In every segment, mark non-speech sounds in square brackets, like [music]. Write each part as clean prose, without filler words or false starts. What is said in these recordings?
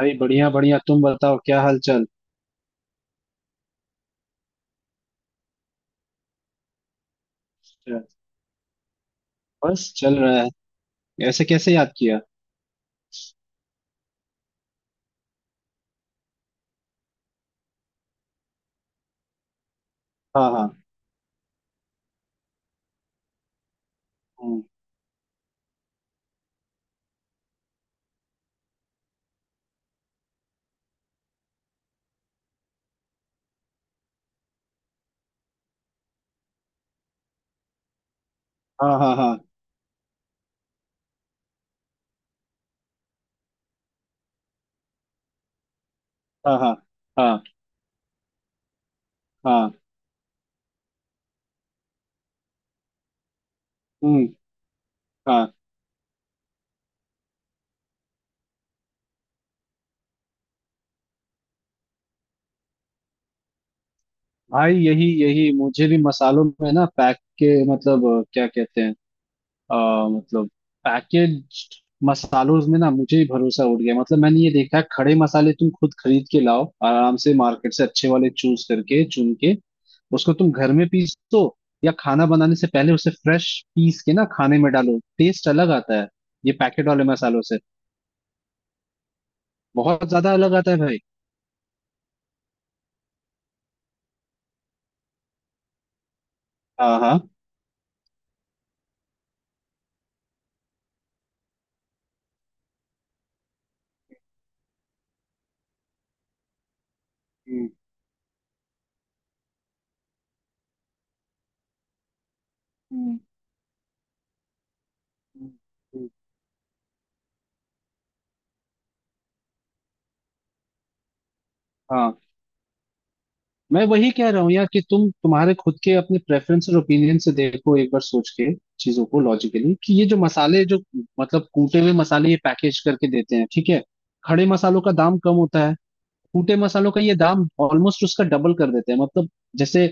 भाई, बढ़िया बढ़िया। तुम बताओ, क्या हाल चाल। चल- बस चल रहा है। ऐसे कैसे याद किया? हाँ हाँ। हम्म। हाँ हाँ हाँ हाँ हाँ हाँ हाँ। हम्म। हाँ। भाई, यही यही मुझे भी मसालों में ना पैक के मतलब, क्या कहते हैं, मतलब पैकेज। मसालों में ना मुझे ही भरोसा उठ गया। मतलब मैंने ये देखा है, खड़े मसाले तुम खुद खरीद के लाओ आराम से मार्केट से, अच्छे वाले चूज करके, चुन के। उसको तुम घर में पीसो, या खाना बनाने से पहले उसे फ्रेश पीस के ना खाने में डालो, टेस्ट अलग आता है ये पैकेट वाले मसालों से। बहुत ज्यादा अलग आता है भाई। हाँ हाँ। हम्म। हम्म। हम्म। हम्म। हाँ। मैं वही कह रहा हूँ यार, कि तुम, तुम्हारे खुद के अपने प्रेफरेंस और ओपिनियन से देखो एक बार सोच के, चीजों को लॉजिकली, कि ये जो मसाले, जो मतलब कूटे हुए मसाले, ये पैकेज करके देते हैं, ठीक है। खड़े मसालों का दाम कम होता है। कूटे मसालों का ये दाम ऑलमोस्ट उसका डबल कर देते हैं, मतलब जैसे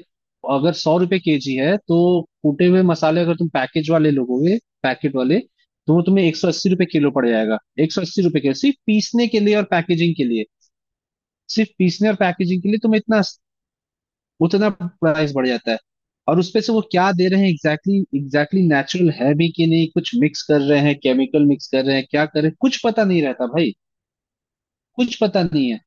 अगर 100 रुपए केजी है तो कूटे हुए मसाले अगर तुम पैकेज वाले लोगोगे, पैकेट वाले। तो वो तुम्हें 180 रुपए किलो पड़ जाएगा। 180 रुपए किलो सिर्फ पीसने के लिए और पैकेजिंग के लिए। सिर्फ पीसने और पैकेजिंग के लिए तुम्हें इतना, उतना प्राइस बढ़ जाता है। और उसपे से वो क्या दे रहे हैं एग्जैक्टली, एग्जैक्टली नेचुरल है भी कि नहीं, कुछ मिक्स कर रहे हैं, केमिकल मिक्स कर रहे हैं, क्या कर रहे हैं, कुछ पता नहीं रहता भाई। कुछ पता नहीं है।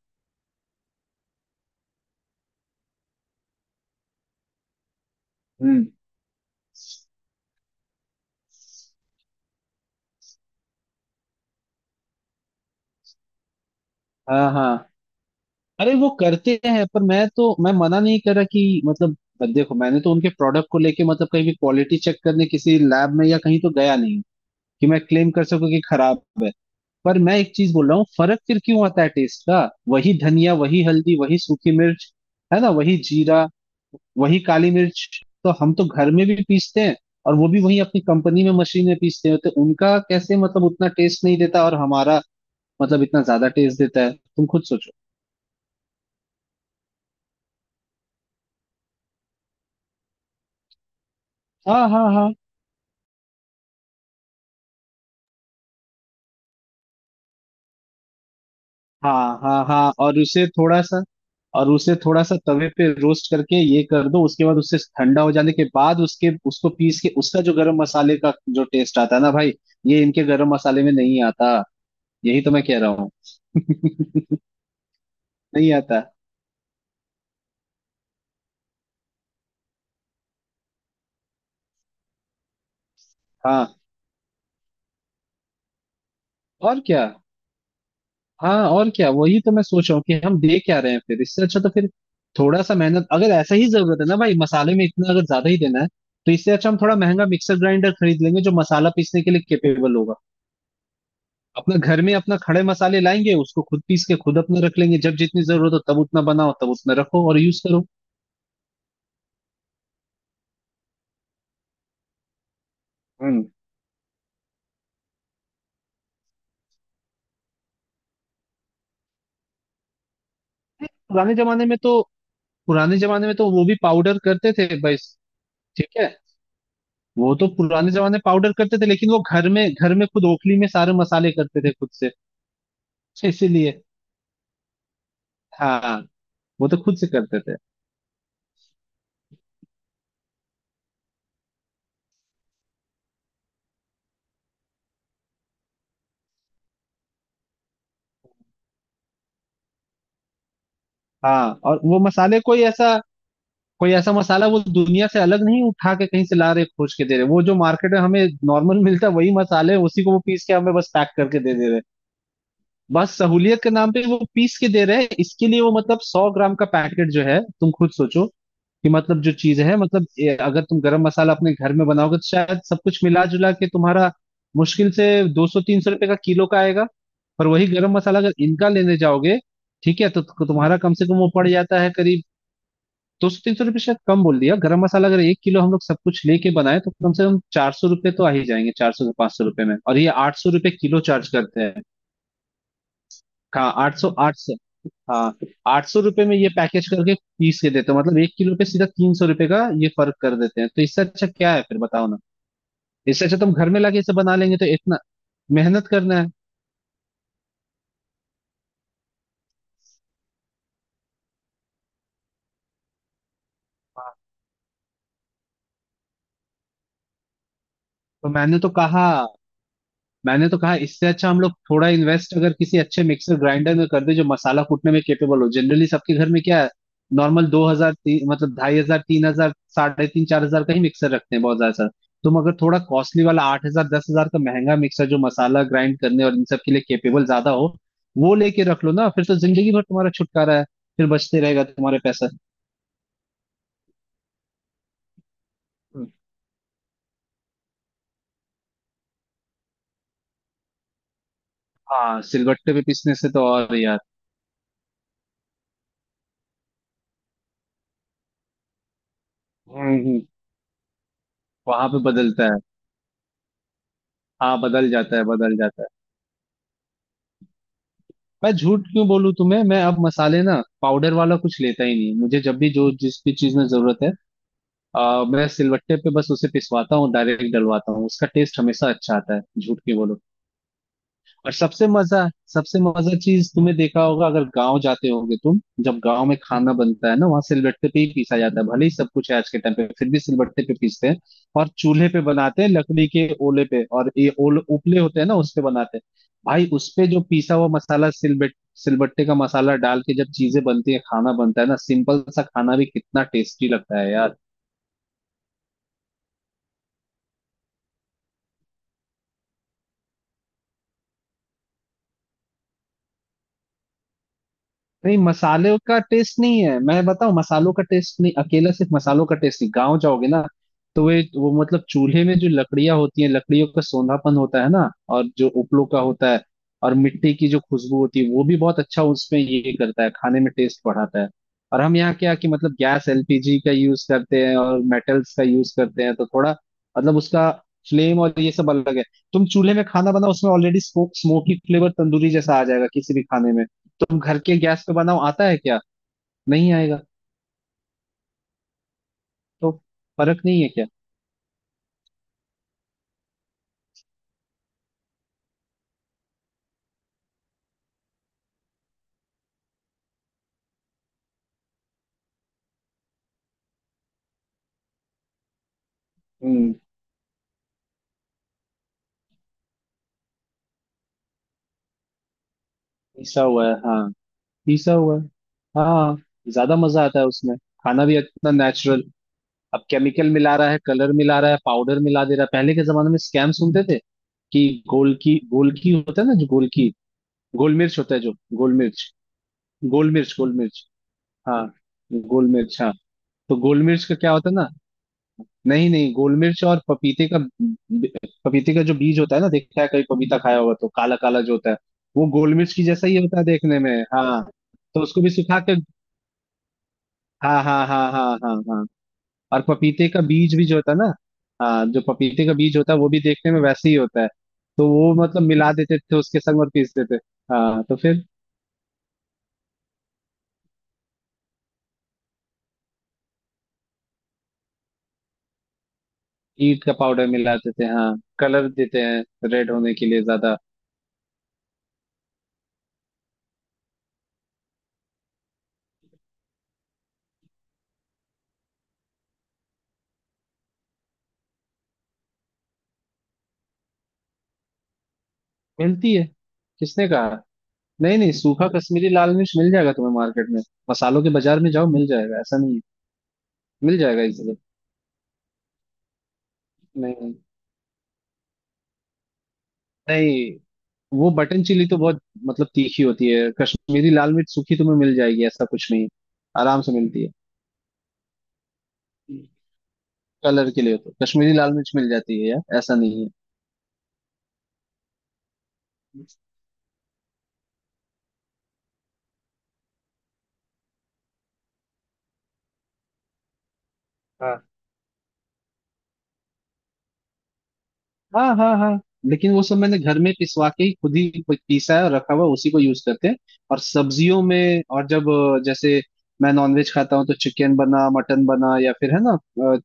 हम्म। हाँ हाँ। अरे वो करते हैं, पर मैं मना नहीं कर रहा कि मतलब, देखो मैंने तो उनके प्रोडक्ट को लेके मतलब कहीं भी क्वालिटी चेक करने किसी लैब में या कहीं तो गया नहीं, कि मैं क्लेम कर सकूं कि खराब है। पर मैं एक चीज बोल रहा हूँ, फर्क फिर क्यों आता है टेस्ट का? वही धनिया, वही हल्दी, वही सूखी मिर्च, है ना, वही जीरा, वही काली मिर्च। तो हम तो घर में भी पीसते हैं, और वो भी वही अपनी कंपनी में मशीन में पीसते हैं, तो उनका कैसे मतलब उतना टेस्ट नहीं देता और हमारा मतलब इतना ज्यादा टेस्ट देता है? तुम खुद सोचो। हाँ हाँ हाँ हाँ हाँ हाँ। और उसे थोड़ा सा तवे पे रोस्ट करके ये कर दो, उसके बाद उससे ठंडा हो जाने के बाद उसके उसको पीस के, उसका जो गरम मसाले का जो टेस्ट आता है ना भाई, ये इनके गरम मसाले में नहीं आता। यही तो मैं कह रहा हूँ, नहीं आता। हाँ और क्या। हाँ और क्या, वही तो मैं सोच रहा हूँ कि हम दे क्या रहे हैं फिर, इससे अच्छा तो फिर थोड़ा सा मेहनत, अगर ऐसा ही जरूरत है ना भाई मसाले में इतना, अगर ज्यादा ही देना है तो इससे अच्छा हम थोड़ा महंगा मिक्सर ग्राइंडर खरीद लेंगे जो मसाला पीसने के लिए केपेबल होगा। अपना घर में अपना खड़े मसाले लाएंगे, उसको खुद पीस के खुद अपना रख लेंगे। जब जितनी जरूरत हो तब उतना बनाओ, तब उतना रखो और यूज करो। हम्म। पुराने जमाने में तो पुराने जमाने में तो वो भी पाउडर करते थे भाई, ठीक है। वो तो पुराने जमाने पाउडर करते थे, लेकिन वो घर में खुद ओखली में सारे मसाले करते थे खुद से। [laughs] इसीलिए। हाँ, वो तो खुद से करते थे। हाँ, और वो मसाले कोई ऐसा मसाला, वो दुनिया से अलग नहीं उठा के कहीं से ला रहे, खोज के दे रहे, वो जो मार्केट में हमें नॉर्मल मिलता है वही मसाले हैं, उसी को वो पीस के हमें बस पैक करके दे दे रहे हैं। बस सहूलियत के नाम पे वो पीस के दे रहे हैं, इसके लिए वो मतलब 100 ग्राम का पैकेट जो है, तुम खुद सोचो कि मतलब जो चीज है, मतलब ये, अगर तुम गरम मसाला अपने घर में बनाओगे तो शायद सब कुछ मिला जुला के तुम्हारा मुश्किल से 200 300 रुपये का किलो का आएगा। पर वही गरम मसाला अगर इनका लेने जाओगे, ठीक है, तो तुम्हारा कम से कम वो पड़ जाता है करीब 200 300 रुपये, शायद कम बोल दिया। गरम मसाला अगर 1 किलो हम लोग सब कुछ लेके बनाए तो कम से कम 400 रुपये तो आ ही जाएंगे, 400 से 500 रुपये में, और ये 800 रुपये किलो चार्ज करते हैं। कहाँ? 800 800 हाँ, 800 रुपये में ये पैकेज करके पीस के देते हो, मतलब 1 किलो पे सीधा 300 रुपये का ये फर्क कर देते हैं। तो इससे अच्छा क्या है फिर? बताओ ना। इससे अच्छा तुम घर में लाके इसे बना लेंगे, तो इतना मेहनत करना है। हाँ, तो मैंने तो कहा इससे अच्छा हम लोग थोड़ा इन्वेस्ट अगर किसी अच्छे मिक्सर ग्राइंडर में कर दे जो मसाला कूटने में केपेबल हो। जनरली सबके घर में क्या है, नॉर्मल 2000 तीन, मतलब 2500, 3000, 3500, 4000 का ही मिक्सर रखते हैं बहुत ज्यादा सर। तुम अगर थोड़ा कॉस्टली वाला 8000 10,000 का महंगा मिक्सर जो मसाला ग्राइंड करने और इन सब के लिए केपेबल ज्यादा हो, वो लेके रख लो ना, फिर तो जिंदगी भर तुम्हारा छुटकारा है। फिर बचते रहेगा तुम्हारे पैसा। हम्म। हाँ, सिलबट्टे पे पीसने से तो और यार। हम्म, वहां पे बदलता है। हाँ, बदल जाता है, बदल जाता है। मैं झूठ क्यों बोलूं तुम्हें? मैं अब मसाले ना पाउडर वाला कुछ लेता ही नहीं। मुझे जब भी जो जिस भी चीज में जरूरत है, मैं सिलवट्टे पे बस उसे पिसवाता हूँ, डायरेक्ट डलवाता हूँ, उसका टेस्ट हमेशा अच्छा आता है। झूठ क्यों बोलूं। और सबसे मजा चीज तुम्हें देखा होगा, अगर गांव जाते होगे तुम। जब गांव में खाना बनता है ना, वहां सिलबट्टे पे ही पीसा जाता है, भले ही सब कुछ है आज के टाइम पे फिर भी सिलबट्टे पे पीसते हैं। और चूल्हे पे बनाते हैं लकड़ी के ओले पे, और ये ओल उपले होते हैं ना, उस पे बनाते हैं। भाई उस पे जो पीसा हुआ मसाला, सिलबट्टे का मसाला डाल के जब चीजें बनती है, खाना बनता है ना, सिंपल सा खाना भी कितना टेस्टी लगता है यार। नहीं, मसाले का टेस्ट नहीं है, मैं बताऊं, मसालों का टेस्ट नहीं अकेला, सिर्फ मसालों का टेस्ट नहीं। गांव जाओगे ना तो वे वो मतलब चूल्हे में जो लकड़ियां होती हैं, लकड़ियों का सोंधापन होता है ना। और जो उपलों का होता है, और मिट्टी की जो खुशबू होती है, वो भी बहुत अच्छा उसमें ये करता है, खाने में टेस्ट बढ़ाता है। और हम यहाँ क्या कि मतलब गैस एलपीजी का यूज करते हैं, और मेटल्स का यूज करते हैं, तो थोड़ा मतलब उसका फ्लेम और ये सब अलग है। तुम चूल्हे में खाना बनाओ उसमें ऑलरेडी स्मोकी फ्लेवर, तंदूरी जैसा आ जाएगा किसी भी खाने में। तुम घर के गैस पे बनाओ, आता है क्या? नहीं आएगा। तो फर्क नहीं है क्या। हम्म। पिसा हुआ है। हाँ, पिसा हुआ है। हाँ, ज्यादा मजा आता है उसमें, खाना भी इतना नेचुरल। अब केमिकल मिला रहा है, कलर मिला रहा है, पाउडर मिला दे रहा है। पहले के जमाने में स्कैम सुनते थे कि गोल की होता है ना, जो गोल की, गोल मिर्च होता है जो, गोल मिर्च, गोल मिर्च, गोल मिर्च, हाँ, गोल मिर्च, हाँ। तो गोल मिर्च का क्या होता है ना, नहीं नहीं, गोल मिर्च और पपीते का जो बीज होता है ना, देखा है? कभी पपीता खाया होगा तो काला काला जो होता है, वो गोल मिर्च की जैसा ही होता है देखने में, हाँ। तो उसको भी सुखा के। हाँ हाँ हाँ हाँ हाँ हाँ। और पपीते का बीज भी जो होता है ना, हाँ, जो पपीते का बीज होता है वो भी देखने में वैसे ही होता है। तो वो मतलब मिला देते थे उसके संग और पीसते थे। हाँ, तो फिर ईंट का पाउडर मिलाते थे। हाँ, कलर देते हैं रेड होने के लिए ज्यादा। मिलती है। किसने कहा? नहीं नहीं, सूखा कश्मीरी लाल मिर्च मिल जाएगा तुम्हें मार्केट में। मसालों के बाजार में जाओ, मिल जाएगा, ऐसा नहीं है। मिल जाएगा इजीली। नहीं नहीं, वो बटन चिली तो बहुत, मतलब तीखी होती है। कश्मीरी लाल मिर्च सूखी तो तुम्हें मिल जाएगी, ऐसा कुछ नहीं है। आराम से मिलती है। कलर के लिए तो कश्मीरी लाल मिर्च मिल जाती है यार, ऐसा नहीं है। हाँ हाँ हाँ हाँ। लेकिन वो सब मैंने घर में पिसवा के ही खुद ही पीसा है और रखा हुआ है, उसी को यूज करते हैं। और सब्जियों में, और जब जैसे मैं नॉनवेज खाता हूँ, तो चिकन बना, मटन बना, या फिर है ना,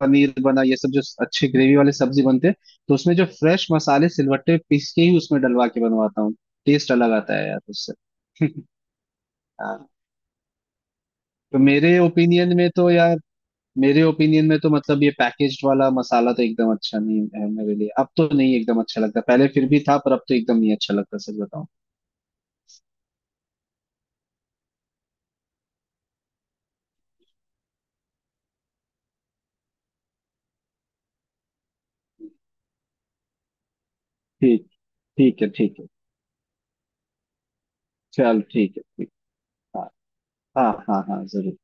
पनीर बना, ये सब जो अच्छे ग्रेवी वाले सब्जी बनते हैं, तो उसमें जो फ्रेश मसाले सिलवट्टे पीस के ही उसमें डलवा के बनवाता हूँ, टेस्ट अलग आता है यार उससे। हाँ, तो मेरे ओपिनियन में तो यार मेरे ओपिनियन में तो मतलब ये पैकेज्ड वाला मसाला तो एकदम अच्छा नहीं है मेरे लिए। अब तो नहीं एकदम अच्छा लगता, पहले फिर भी था, पर अब तो एकदम नहीं अच्छा लगता, सच बताऊं। ठीक। ठीक है। ठीक है। चल ठीक है, ठीक। हाँ हाँ हाँ हाँ, जरूर।